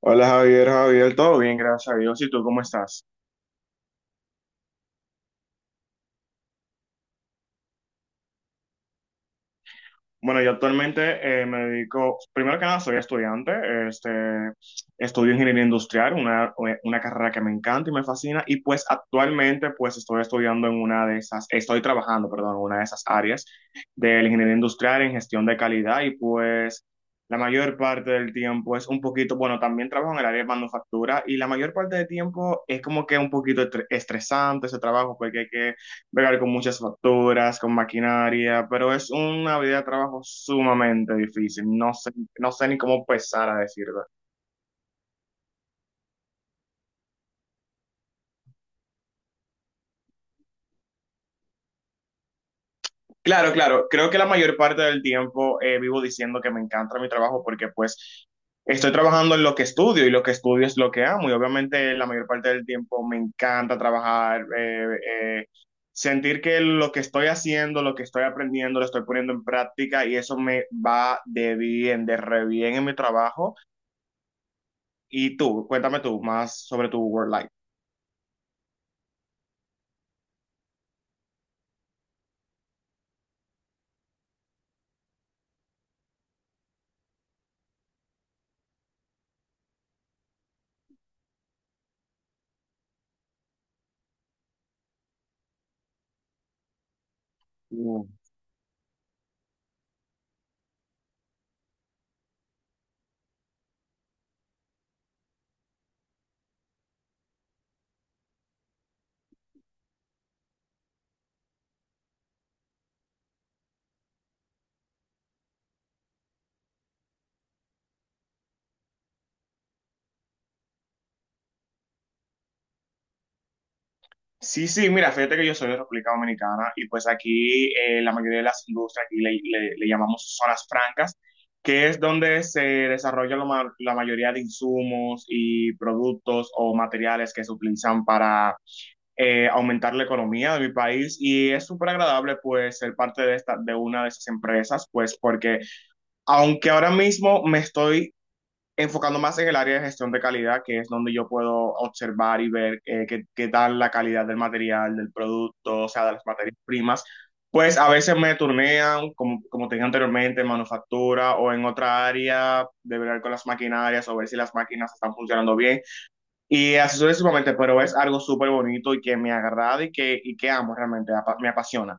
Hola Javier, Javier, todo bien, gracias a Dios. ¿Y tú cómo estás? Bueno, yo actualmente me dedico, primero que nada, soy estudiante, este, estudio ingeniería industrial, una carrera que me encanta y me fascina, y pues actualmente pues estoy estudiando en una de esas, estoy trabajando, perdón, en una de esas áreas de la ingeniería industrial en gestión de calidad y pues la mayor parte del tiempo es un poquito, bueno, también trabajo en el área de manufactura y la mayor parte del tiempo es como que un poquito estresante ese trabajo porque hay que bregar con muchas facturas, con maquinaria, pero es una vida de trabajo sumamente difícil. No sé, no sé ni cómo empezar a decirlo. Claro, claro, creo que la mayor parte del tiempo vivo diciendo que me encanta mi trabajo porque pues estoy trabajando en lo que estudio y lo que estudio es lo que amo y obviamente la mayor parte del tiempo me encanta trabajar. Sentir que lo que estoy haciendo, lo que estoy aprendiendo, lo estoy poniendo en práctica y eso me va de bien, de re bien en mi trabajo. Y tú, cuéntame tú más sobre tu work life. Mm. Sí, sí, mira, fíjate que yo soy de República Dominicana y pues aquí la mayoría de las industrias, aquí le llamamos zonas francas, que es donde se desarrolla la mayoría de insumos y productos o materiales que se utilizan para aumentar la economía de mi país y es súper agradable pues ser parte de una de esas empresas, pues porque aunque ahora mismo me estoy enfocando más en el área de gestión de calidad, que es donde yo puedo observar y ver qué, qué tal la calidad del material, del producto, o sea, de las materias primas, pues a veces me turnean, como, como te dije anteriormente, en manufactura o en otra área, de ver con las maquinarias o ver si las máquinas están funcionando bien. Y así sucesivamente, pero es algo súper bonito y que me agrada y que amo realmente, me apasiona.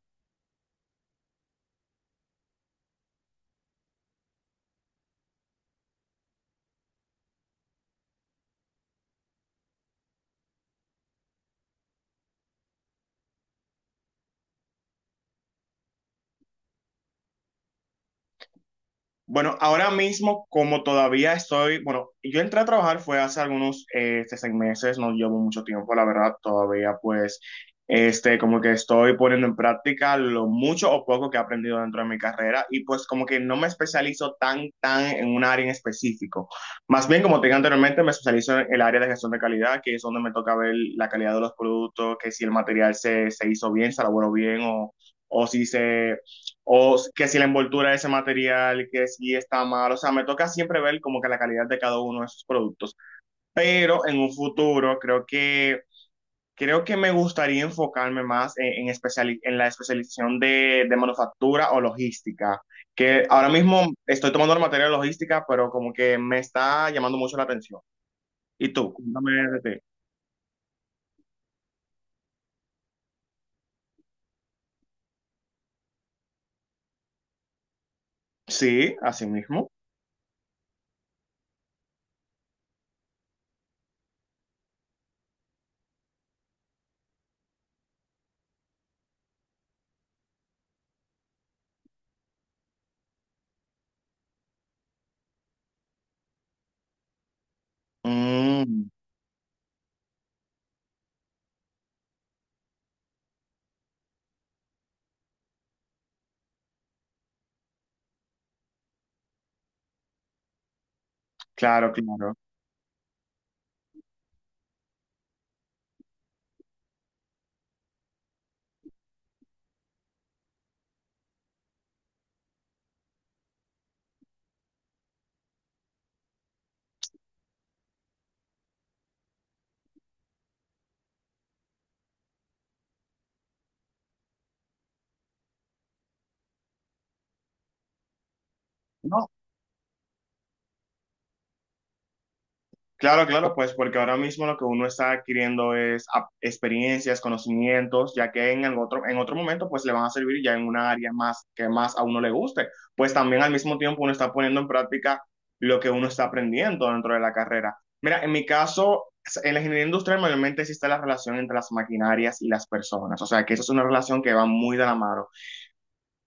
Bueno, ahora mismo, como todavía estoy, bueno, yo entré a trabajar fue hace algunos 6 meses, no llevo mucho tiempo, la verdad, todavía pues, como que estoy poniendo en práctica lo mucho o poco que he aprendido dentro de mi carrera y pues como que no me especializo tan, tan en un área en específico. Más bien, como te dije anteriormente, me especializo en el área de gestión de calidad, que es donde me toca ver la calidad de los productos, que si el material se, se hizo bien, se elaboró bien o si se, o que si la envoltura de ese material, que si está mal. O sea, me toca siempre ver como que la calidad de cada uno de esos productos. Pero en un futuro creo que me gustaría enfocarme más en la especialización de manufactura o logística. Que ahora mismo estoy tomando la materia de logística, pero como que me está llamando mucho la atención. ¿Y tú? Cuéntame de ti. Sí, así mismo. Mm, claro, claro. No, claro, claro, pues porque ahora mismo lo que uno está adquiriendo es experiencias, conocimientos, ya que en el otro, en otro momento pues le van a servir ya en una área más que más a uno le guste. Pues también al mismo tiempo uno está poniendo en práctica lo que uno está aprendiendo dentro de la carrera. Mira, en mi caso, en la ingeniería industrial mayormente existe la relación entre las maquinarias y las personas, o sea que eso es una relación que va muy de la mano.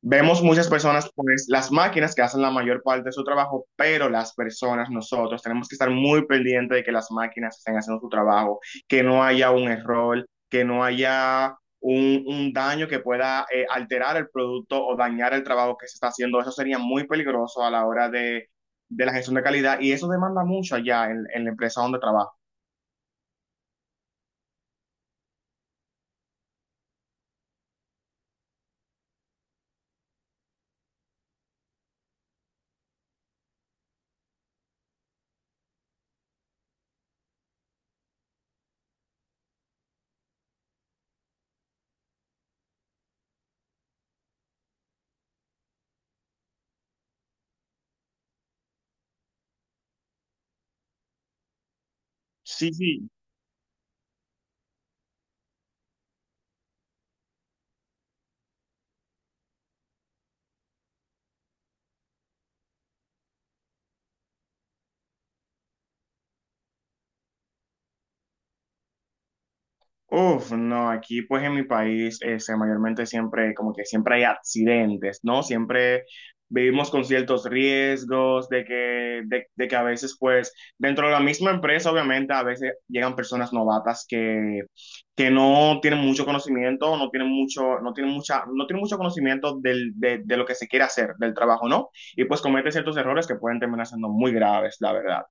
Vemos muchas personas, pues las máquinas que hacen la mayor parte de su trabajo, pero las personas, nosotros, tenemos que estar muy pendientes de que las máquinas estén haciendo su trabajo, que no haya un error, que no haya un daño que pueda alterar el producto o dañar el trabajo que se está haciendo. Eso sería muy peligroso a la hora de la gestión de calidad y eso demanda mucho allá en la empresa donde trabajo. Sí, sí. Uf, no, aquí pues en mi país mayormente siempre, como que siempre hay accidentes, ¿no? Siempre vivimos con ciertos riesgos de que a veces pues dentro de la misma empresa obviamente a veces llegan personas novatas que no tienen mucho conocimiento, no tienen mucho, no tienen mucha, no tienen mucho conocimiento del, de lo que se quiere hacer, del trabajo, ¿no? Y pues cometen ciertos errores que pueden terminar siendo muy graves, la verdad.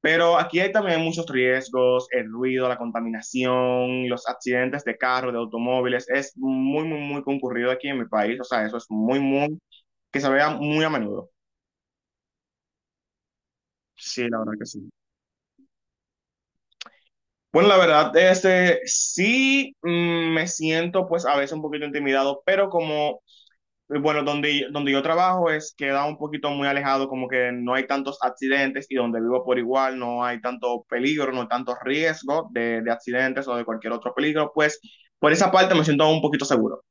Pero aquí hay también muchos riesgos, el ruido, la contaminación, los accidentes de carro, de automóviles. Es muy, muy, muy concurrido aquí en mi país. O sea, eso es muy, muy, que se vea muy a menudo. Sí, la verdad que sí. Bueno, la verdad, sí, me siento pues a veces un poquito intimidado, pero como bueno, donde yo trabajo es queda un poquito muy alejado, como que no hay tantos accidentes y donde vivo por igual no hay tanto peligro, no hay tanto riesgo de accidentes o de cualquier otro peligro, pues por esa parte me siento un poquito seguro.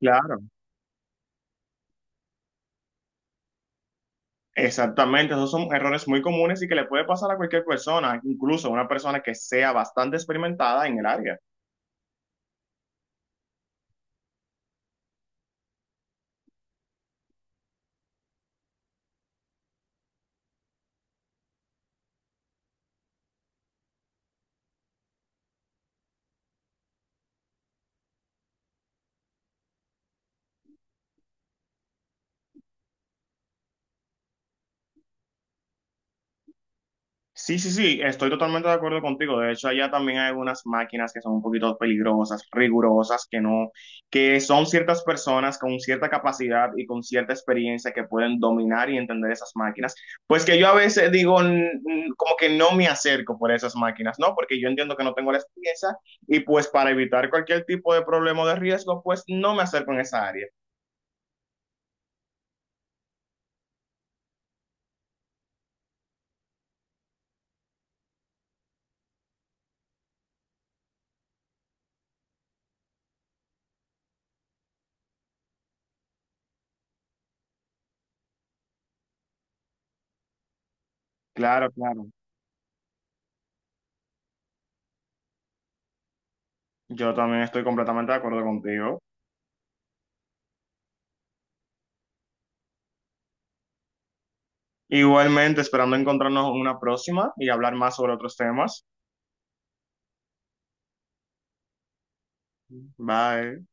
Claro. Exactamente, esos son errores muy comunes y que le puede pasar a cualquier persona, incluso a una persona que sea bastante experimentada en el área. Sí, sí, sí, estoy totalmente de acuerdo contigo. De hecho, allá también hay algunas máquinas que son un poquito peligrosas, rigurosas, que no, que son ciertas personas con cierta capacidad y con cierta experiencia que pueden dominar y entender esas máquinas. Pues que yo a veces digo, como que no me acerco por esas máquinas, ¿no? Porque yo entiendo que no tengo la experiencia y pues para evitar cualquier tipo de problema o de riesgo, pues no me acerco en esa área. Claro, claro. Yo también estoy completamente de acuerdo contigo. Igualmente, esperando encontrarnos en una próxima y hablar más sobre otros temas. Bye.